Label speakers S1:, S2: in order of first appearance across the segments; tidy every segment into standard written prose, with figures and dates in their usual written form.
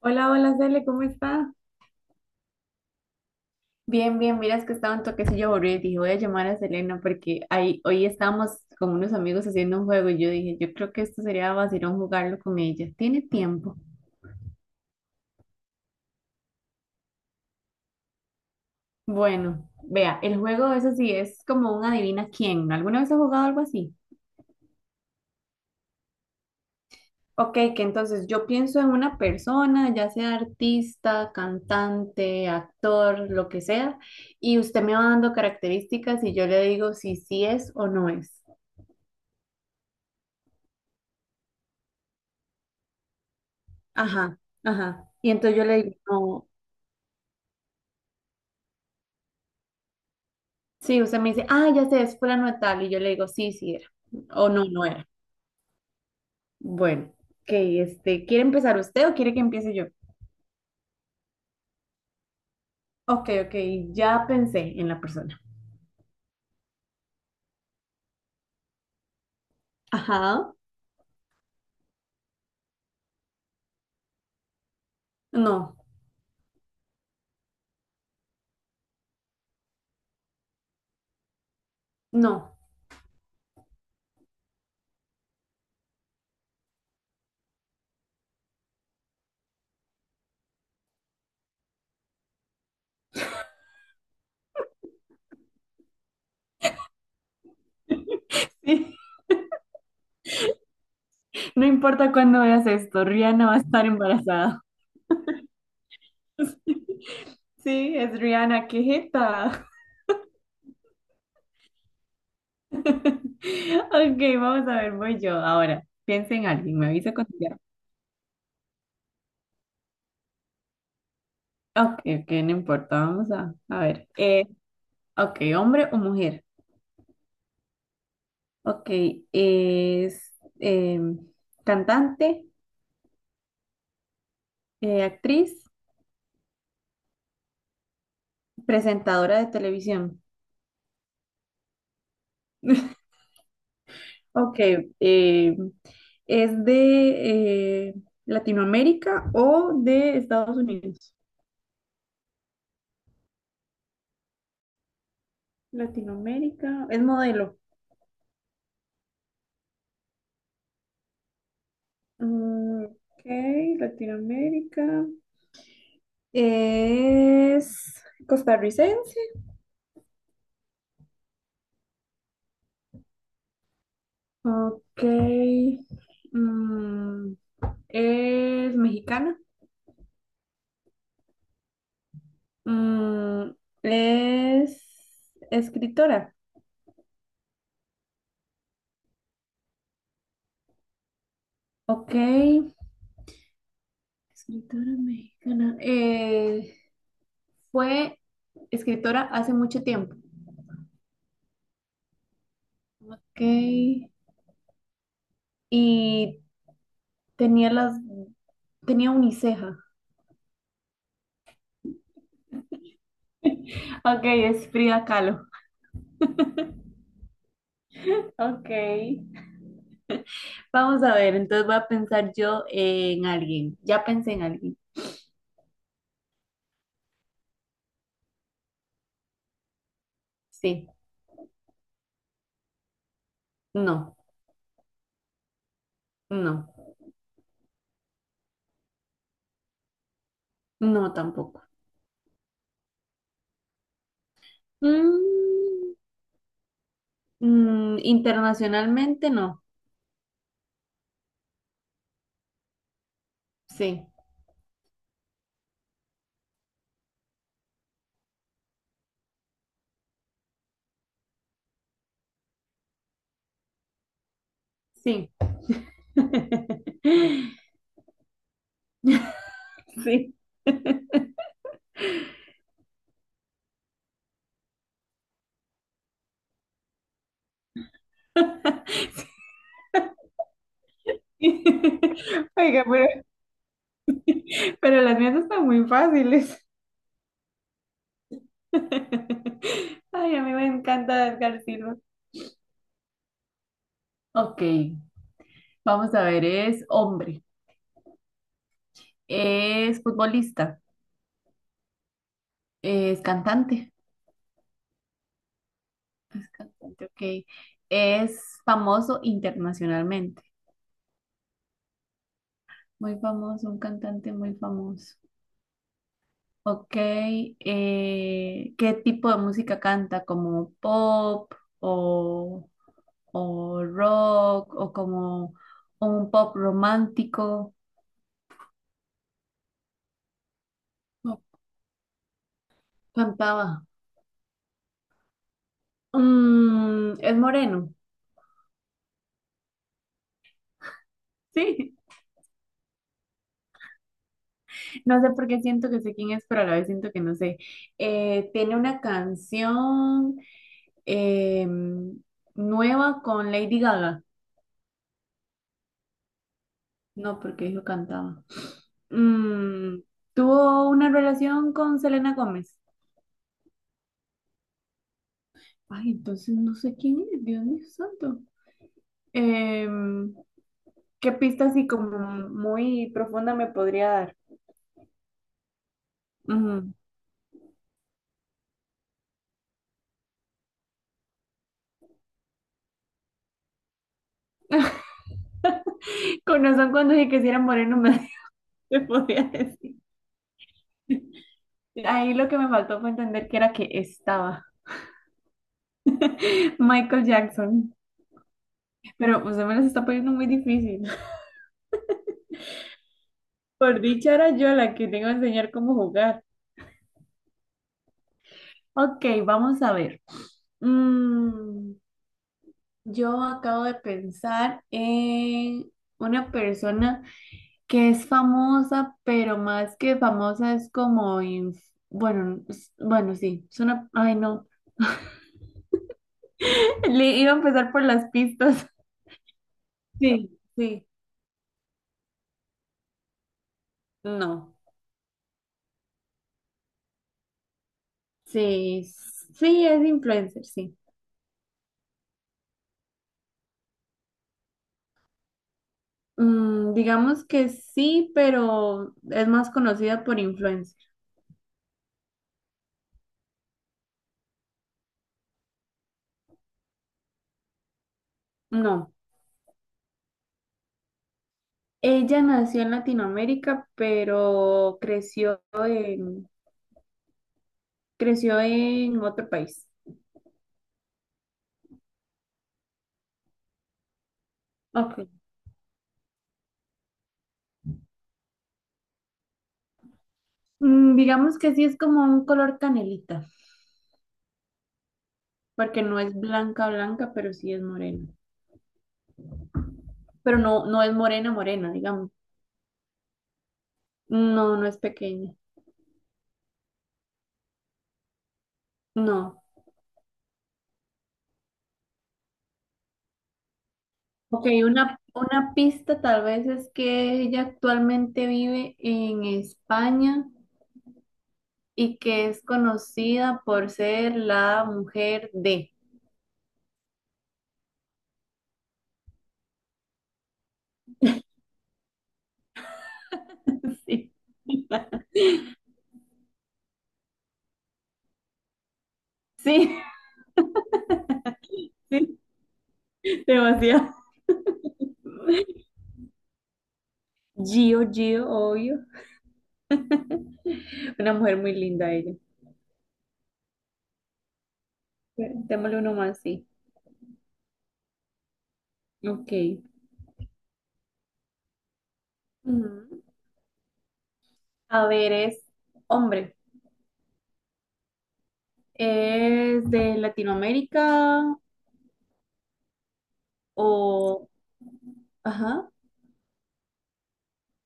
S1: Hola, hola, Cele, ¿cómo está? Bien, bien, miras que estaba un toquecillo aburrido y dije, voy a llamar a Selena porque ahí, hoy estábamos con unos amigos haciendo un juego y yo dije, yo creo que esto sería vacilón jugarlo con ella. ¿Tiene tiempo? Bueno, vea, el juego es así, es como un adivina quién, ¿no? ¿Alguna vez ha jugado algo así? Ok, que entonces yo pienso en una persona, ya sea artista, cantante, actor, lo que sea, y usted me va dando características y yo le digo si sí es o no es. Ajá, ajá. Y entonces yo le digo, no, sí, usted me dice, ah, ya sé, es fulano de tal. Y yo le digo, sí, sí era. O no, no era. Bueno, ok, ¿quiere empezar usted o quiere que empiece yo? Ok, ok, ya pensé en la persona. Ajá. No, no. Sí, no importa cuándo veas esto, Rihanna va a estar embarazada. Sí, es Rihanna, qué jeta. Ok, vamos a ver, voy yo ahora. Piensa en alguien, me avisa cuando ya. Ok, ok, no importa, vamos a ver. Ok, hombre o mujer. Ok, es cantante, actriz, presentadora de televisión. Ok, em, ¿es de Latinoamérica o de Estados Unidos? Latinoamérica, es modelo. Mm, ok, Latinoamérica. ¿Es costarricense? Ok. Mm, ¿es mexicana? Mm, ¿es escritora? Ok. Escritora mexicana. Fue escritora hace mucho tiempo. Ok. Y tenía las... Tenía uniceja. Ok, es Frida Kahlo. Ok. Vamos a ver, entonces voy a pensar yo en alguien. Ya pensé en alguien. Sí. No, no. No, tampoco. Mm, mm, internacionalmente no. Sí, sí. Sí. Oiga, pero las mías están muy fáciles. Ay, a mí me encanta Edgar Silva. Ok, vamos a ver, es hombre, es futbolista, es cantante, es cantante, ok, es famoso internacionalmente, muy famoso, un cantante muy famoso. Ok, ¿qué tipo de música canta? ¿Como pop o, o rock o como un pop romántico? No, cantaba. Mm, es moreno, sí. No sé por qué siento que sé quién es, pero a la vez siento que no sé. Tiene una canción em, nueva con Lady Gaga. No, porque yo cantaba. Mm, tuvo una relación con Selena Gómez. Ay, entonces no sé quién es, Dios mío santo. Em, ¿Qué pista así como muy profunda me podría dar? Ujú. Con razón cuando dije que si era moreno me, me podía decir. Ahí lo que me faltó fue entender que era que estaba Michael Jackson. Pero usted me las está poniendo muy difícil. Por dicha era yo la que tengo que enseñar cómo jugar. Ok, vamos a ver. Mm, yo acabo de pensar en una persona que es famosa, pero más que famosa es como, bueno, sí, es una, ay no, le iba a empezar por las pistas. Sí, sí, no, sí, sí, es influencer, sí. Mm, digamos que sí, pero es más conocida por influencer. No, ella nació en Latinoamérica, pero creció en otro país. Ok. Mm, digamos que sí, es como un color canelita, porque no es blanca, blanca, pero sí es morena. Pero no, no es morena, morena, digamos. No, no es pequeña. No. Ok, una pista tal vez es que ella actualmente vive en España y que es conocida por ser la mujer de. Sí, sí, sí, demasiado. Gio, Gio, obvio. Una mujer muy linda ella. Démosle uno más, sí. Ok. Ujú. A ver, es hombre. ¿Es de Latinoamérica o... Ajá.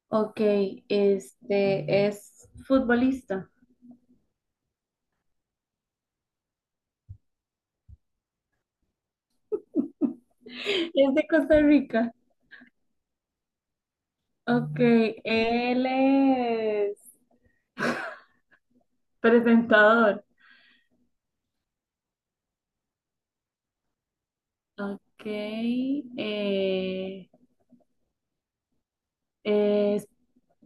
S1: Ok, este es futbolista. Es de Costa Rica. Ok, él es presentador. Ok, eh, es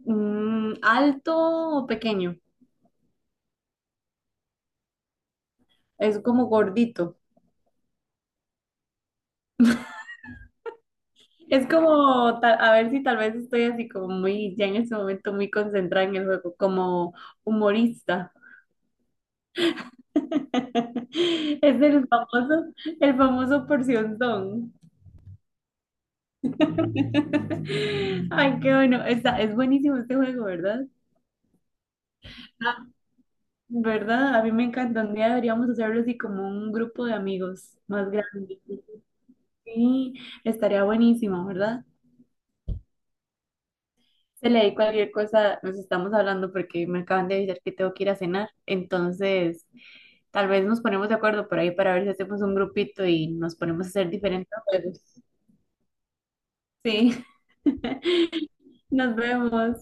S1: alto o pequeño. Es como gordito. Es como, a ver si tal vez estoy así como muy, ya en ese momento muy concentrada en el juego, como humorista. Es el famoso porcionzón. Ay, qué bueno. Está, es buenísimo este juego, ¿verdad? Ah, ¿verdad? A mí me encanta. Un día deberíamos hacerlo así como un grupo de amigos más grande. Sí, estaría buenísimo, ¿verdad? Se le di cualquier cosa, nos estamos hablando porque me acaban de avisar que tengo que ir a cenar. Entonces... Tal vez nos ponemos de acuerdo por ahí para ver si hacemos un grupito y nos ponemos a hacer diferentes juegos. Sí. Nos vemos.